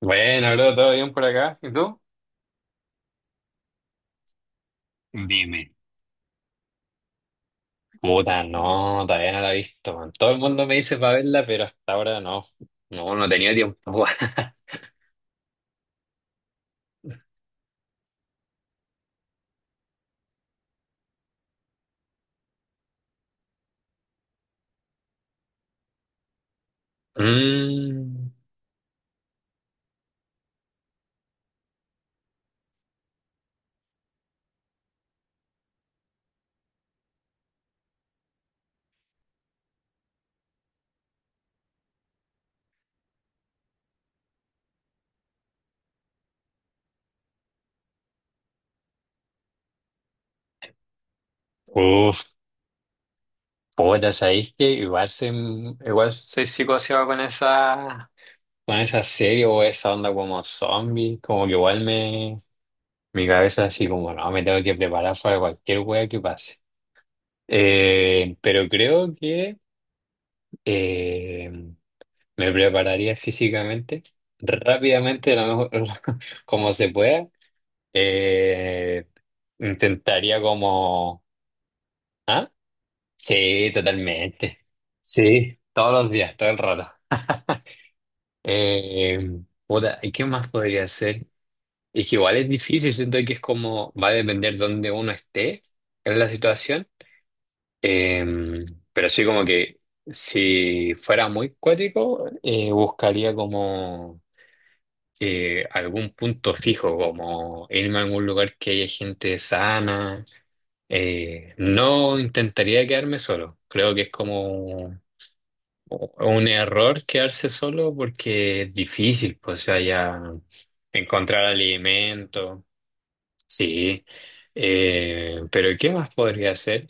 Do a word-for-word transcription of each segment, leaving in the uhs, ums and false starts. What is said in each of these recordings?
Bueno, bro, ¿todo bien por acá? ¿Y tú? Dime. Puta, no, todavía no la he visto, man. Todo el mundo me dice para verla, pero hasta ahora no. No, no he tenido tiempo. Mm, uf, puta, ¿sabéis que igual soy, igual soy psicoseado con esa, con esa serie o esa onda como zombie? Como que igual me, mi cabeza así como, no, me tengo que preparar para cualquier wea que pase. Eh, pero creo que... eh, me prepararía físicamente, rápidamente, lo mejor, como se pueda. Eh, Intentaría como... ¿Ah? Sí, totalmente. Sí, todos los días, todo el rato. Eh, Puta, ¿y qué más podría hacer? Es que igual es difícil, siento que es como... Va a depender dónde uno esté en la situación. Eh, pero sí como que si fuera muy cuático, eh, buscaría como... eh, algún punto fijo, como irme a algún lugar que haya gente sana. Eh, no intentaría quedarme solo. Creo que es como un error quedarse solo porque es difícil, pues, o sea, ya encontrar alimento. Sí. Eh, pero ¿qué más podría hacer?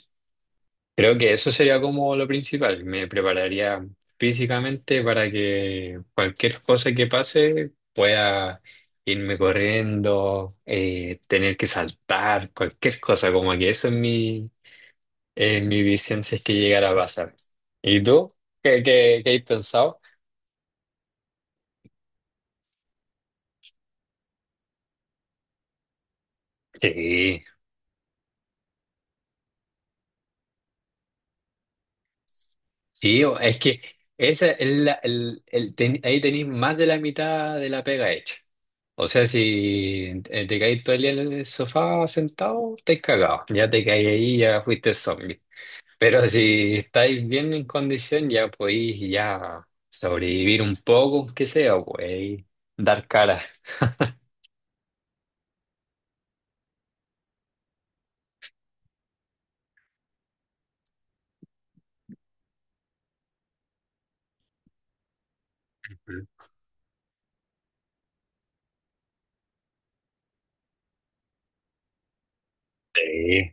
Creo que eso sería como lo principal. Me prepararía físicamente para que cualquier cosa que pase pueda irme corriendo, eh, tener que saltar, cualquier cosa, como que eso es mi, eh, mi visión si es que llegara a pasar. ¿Y tú? ¿Qué, qué, qué has pensado? Sí, sí, o- es que esa es la, el, el- ten- ahí tenéis más de la mitad de la pega hecha. O sea, si eh, te caes todo el día en el sofá sentado, estáis cagados. Ya te caes ahí, ya fuiste zombie. Pero si estáis bien en condición, ya podéis ya sobrevivir un poco, aunque sea, podéis dar cara. Ujú. Sí.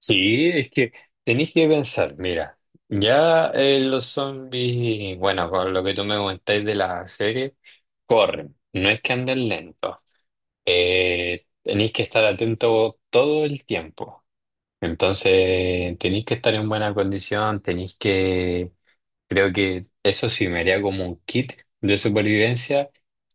Sí, es que tenéis que pensar, mira, ya eh, los zombies, bueno, con lo que tú me comentáis de la serie, corren, no es que anden lentos, eh, tenéis que estar atentos todo el tiempo. Entonces, tenéis que estar en buena condición, tenéis que, creo que eso sí me haría como un kit de supervivencia,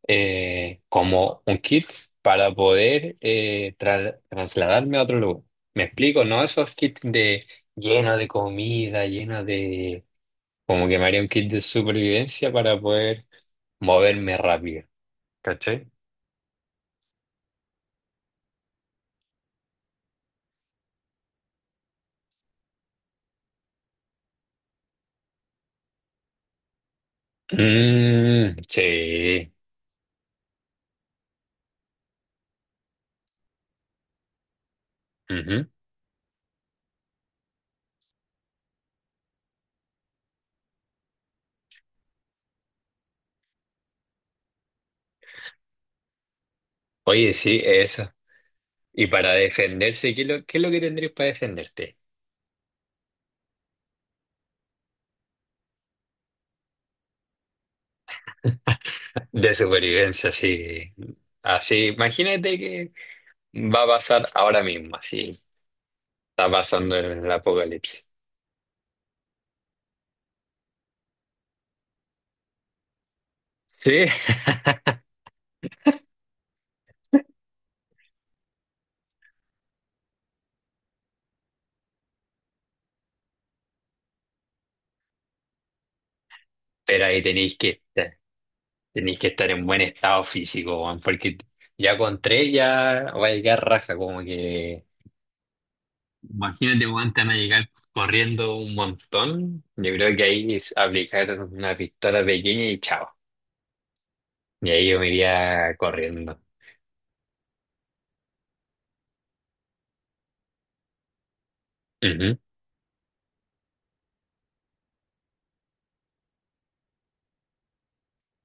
eh, como un kit para poder eh, tra- trasladarme a otro lugar. ¿Me explico? No esos kits de lleno de comida, lleno de... Como que me haría un kit de supervivencia para poder moverme rápido. ¿Cachai? Mm, sí. Ujú. Oye, sí, eso. Y para defenderse, ¿qué es lo, qué es lo que tendrías para defenderte? De supervivencia, sí Así, imagínate que va a pasar ahora mismo, así. Está pasando el, el apocalipsis. Sí. Pero ahí tenéis que estar, tenéis que estar en buen estado físico, weón, porque ya con tres ya va a llegar raja, como que. Imagínate, weón, te van a llegar corriendo un montón. Yo creo que ahí es aplicar una pistola pequeña y chao. Y ahí yo me iría corriendo. Ujú.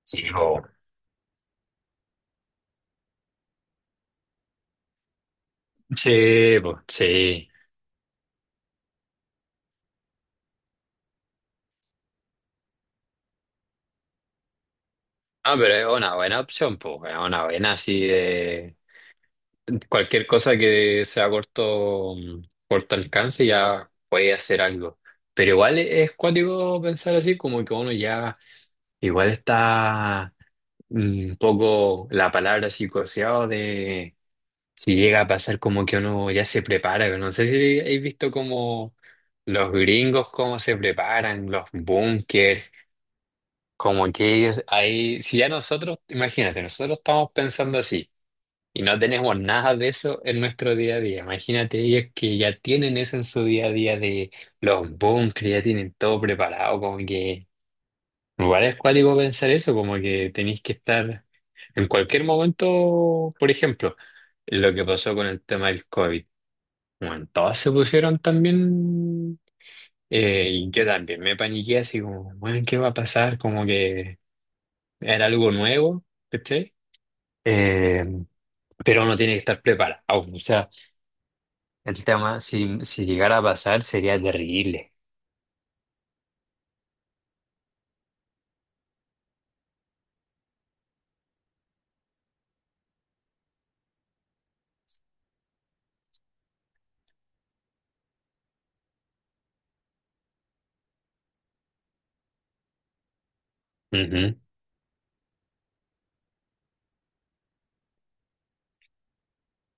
Sí, po. Sí, pues, sí. Ah, pero es una buena opción, pues, es una buena así de cualquier cosa que sea corto, mm, corto alcance ya puede hacer algo. Pero igual es cuático pensar así, como que uno ya igual está mm, un poco la palabra así coseado de si llega a pasar como que uno ya se prepara. No sé si habéis visto como los gringos cómo se preparan, los búnkers. Como que ellos, ahí, si ya nosotros, imagínate, nosotros estamos pensando así y no tenemos nada de eso en nuestro día a día. Imagínate ellos que ya tienen eso en su día a día de los bunkers, ya tienen todo preparado, como que igual es cuático pensar eso, como que tenéis que estar en cualquier momento, por ejemplo, lo que pasó con el tema del COVID. Bueno, todos se pusieron también, eh, y yo también me paniqué así como, bueno, ¿qué va a pasar? Como que era algo nuevo, ¿cachai? Eh, pero uno tiene que estar preparado. O sea, el tema, si, si llegara a pasar, sería terrible. Ujú.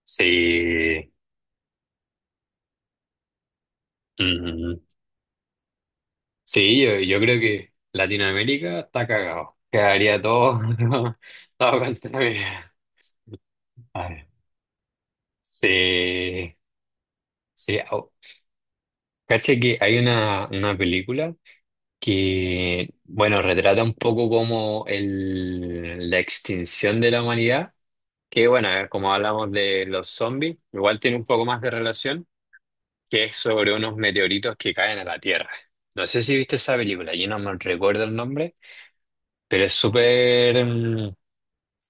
Sí, ujú. Sí, yo, yo creo que Latinoamérica está cagado. Quedaría todo, todo contra mí. Ay, sí, sí. Au. Cacha que hay una, una película que, bueno, retrata un poco como el, la extinción de la humanidad. Que bueno, eh, como hablamos de los zombies, igual tiene un poco más de relación, que es sobre unos meteoritos que caen a la Tierra. No sé si viste esa película, yo no me recuerdo el nombre, pero es súper, mm,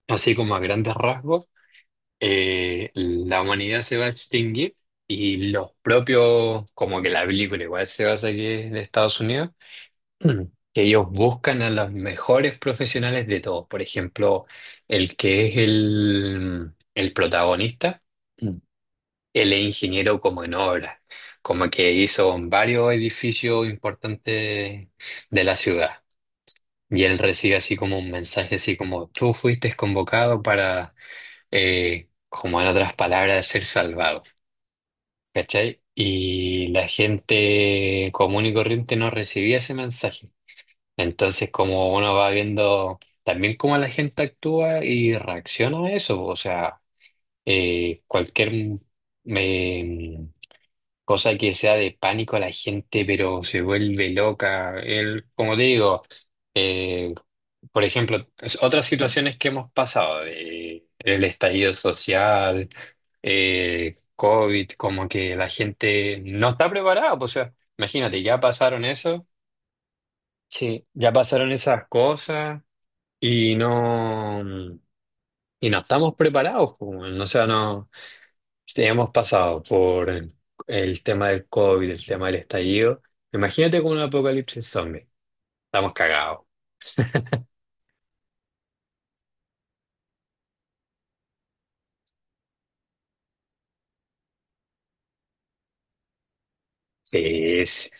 así como a grandes rasgos, eh, la humanidad se va a extinguir y los propios, como que la película igual se basa aquí de Estados Unidos, mm, que ellos buscan a los mejores profesionales de todos. Por ejemplo, el que es el, mm, el protagonista. Mm, él es ingeniero como en obras, como que hizo varios edificios importantes de la ciudad. Y él recibe así como un mensaje, así como tú fuiste convocado para, eh, como en otras palabras, ser salvado. ¿Cachai? Y la gente común y corriente no recibía ese mensaje. Entonces, como uno va viendo también cómo la gente actúa y reacciona a eso, o sea, eh, cualquier... mm, em, cosa que sea de pánico a la gente, pero se vuelve loca. Él, como te digo, eh, por ejemplo, es- otras situaciones que hemos pasado, de, el estallido social, eh, COVID, como que la gente no está preparada. Pues, o sea, imagínate, ya pasaron eso, sí, ya pasaron esas cosas y no, y no estamos preparados. Pues, o sea, no. Sí, hemos pasado por el, el tema del COVID, el tema del estallido. Imagínate con un apocalipsis zombie. Estamos cagados. Sí, sí.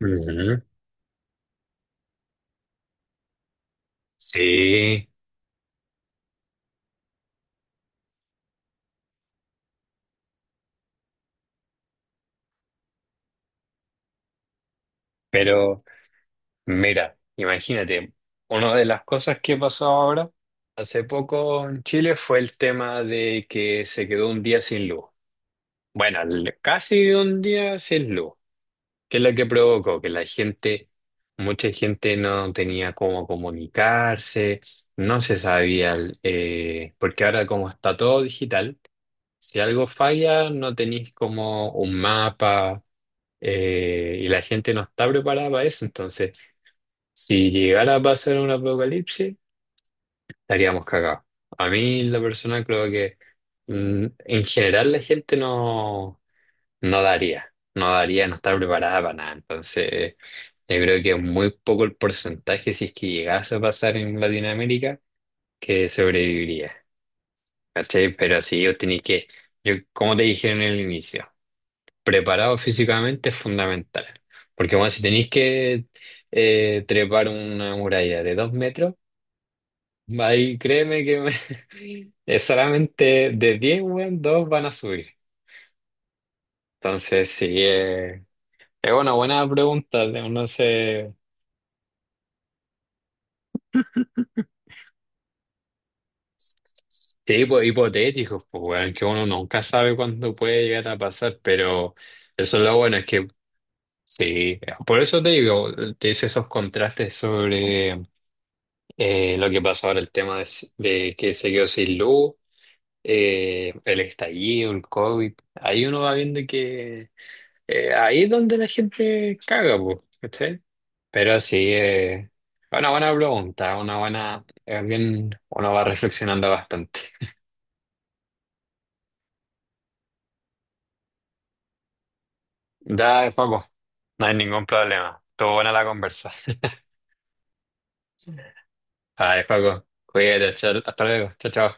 Ujú. Sí, pero mira, imagínate, una de las cosas que pasó ahora, hace poco en Chile, fue el tema de que se quedó un día sin luz. Bueno, l- casi un día sin luz. ¿Qué es lo que provocó? Que la gente, mucha gente no tenía cómo comunicarse, no se sabía, el- eh, porque ahora como está todo digital, si algo falla no tenéis como un mapa eh, y la gente no está preparada para eso. Entonces, si llegara a pasar un apocalipsis, estaríamos cagados. A mí, la persona creo que mm, en general la gente no, no daría, no daría, no está preparada para nada. Entonces, yo creo que es muy poco el porcentaje, si es que llegase a pasar en Latinoamérica, que sobreviviría. ¿Cachai? Pero sí, yo tenía que, yo, como te dije en el inicio, preparado físicamente es fundamental. Porque bueno, si tenéis que eh, trepar una muralla de dos metros, ahí créeme que me- es solamente de diez, weón, dos van a subir. Entonces, sí, eh, es una buena pregunta, no sé. Sí, pues, hipotéticos, pues, weón, que uno nunca sabe cuándo puede llegar a pasar, pero eso es lo bueno, es que sí, por eso te digo, te hice esos contrastes sobre eh, lo que pasó ahora, el tema de, de que se quedó sin luz, eh, el estallido, el COVID, ahí uno va viendo que eh, ahí es donde la gente caga, pues, ¿cachai? Pero sí, eh, una buena pregunta, una buena, eh, bien, uno va reflexionando bastante. Dale, Paco, no hay ningún problema. Estuvo buena la conversa. Dale, Paco, cuídate, chao- hasta luego, chao, chao.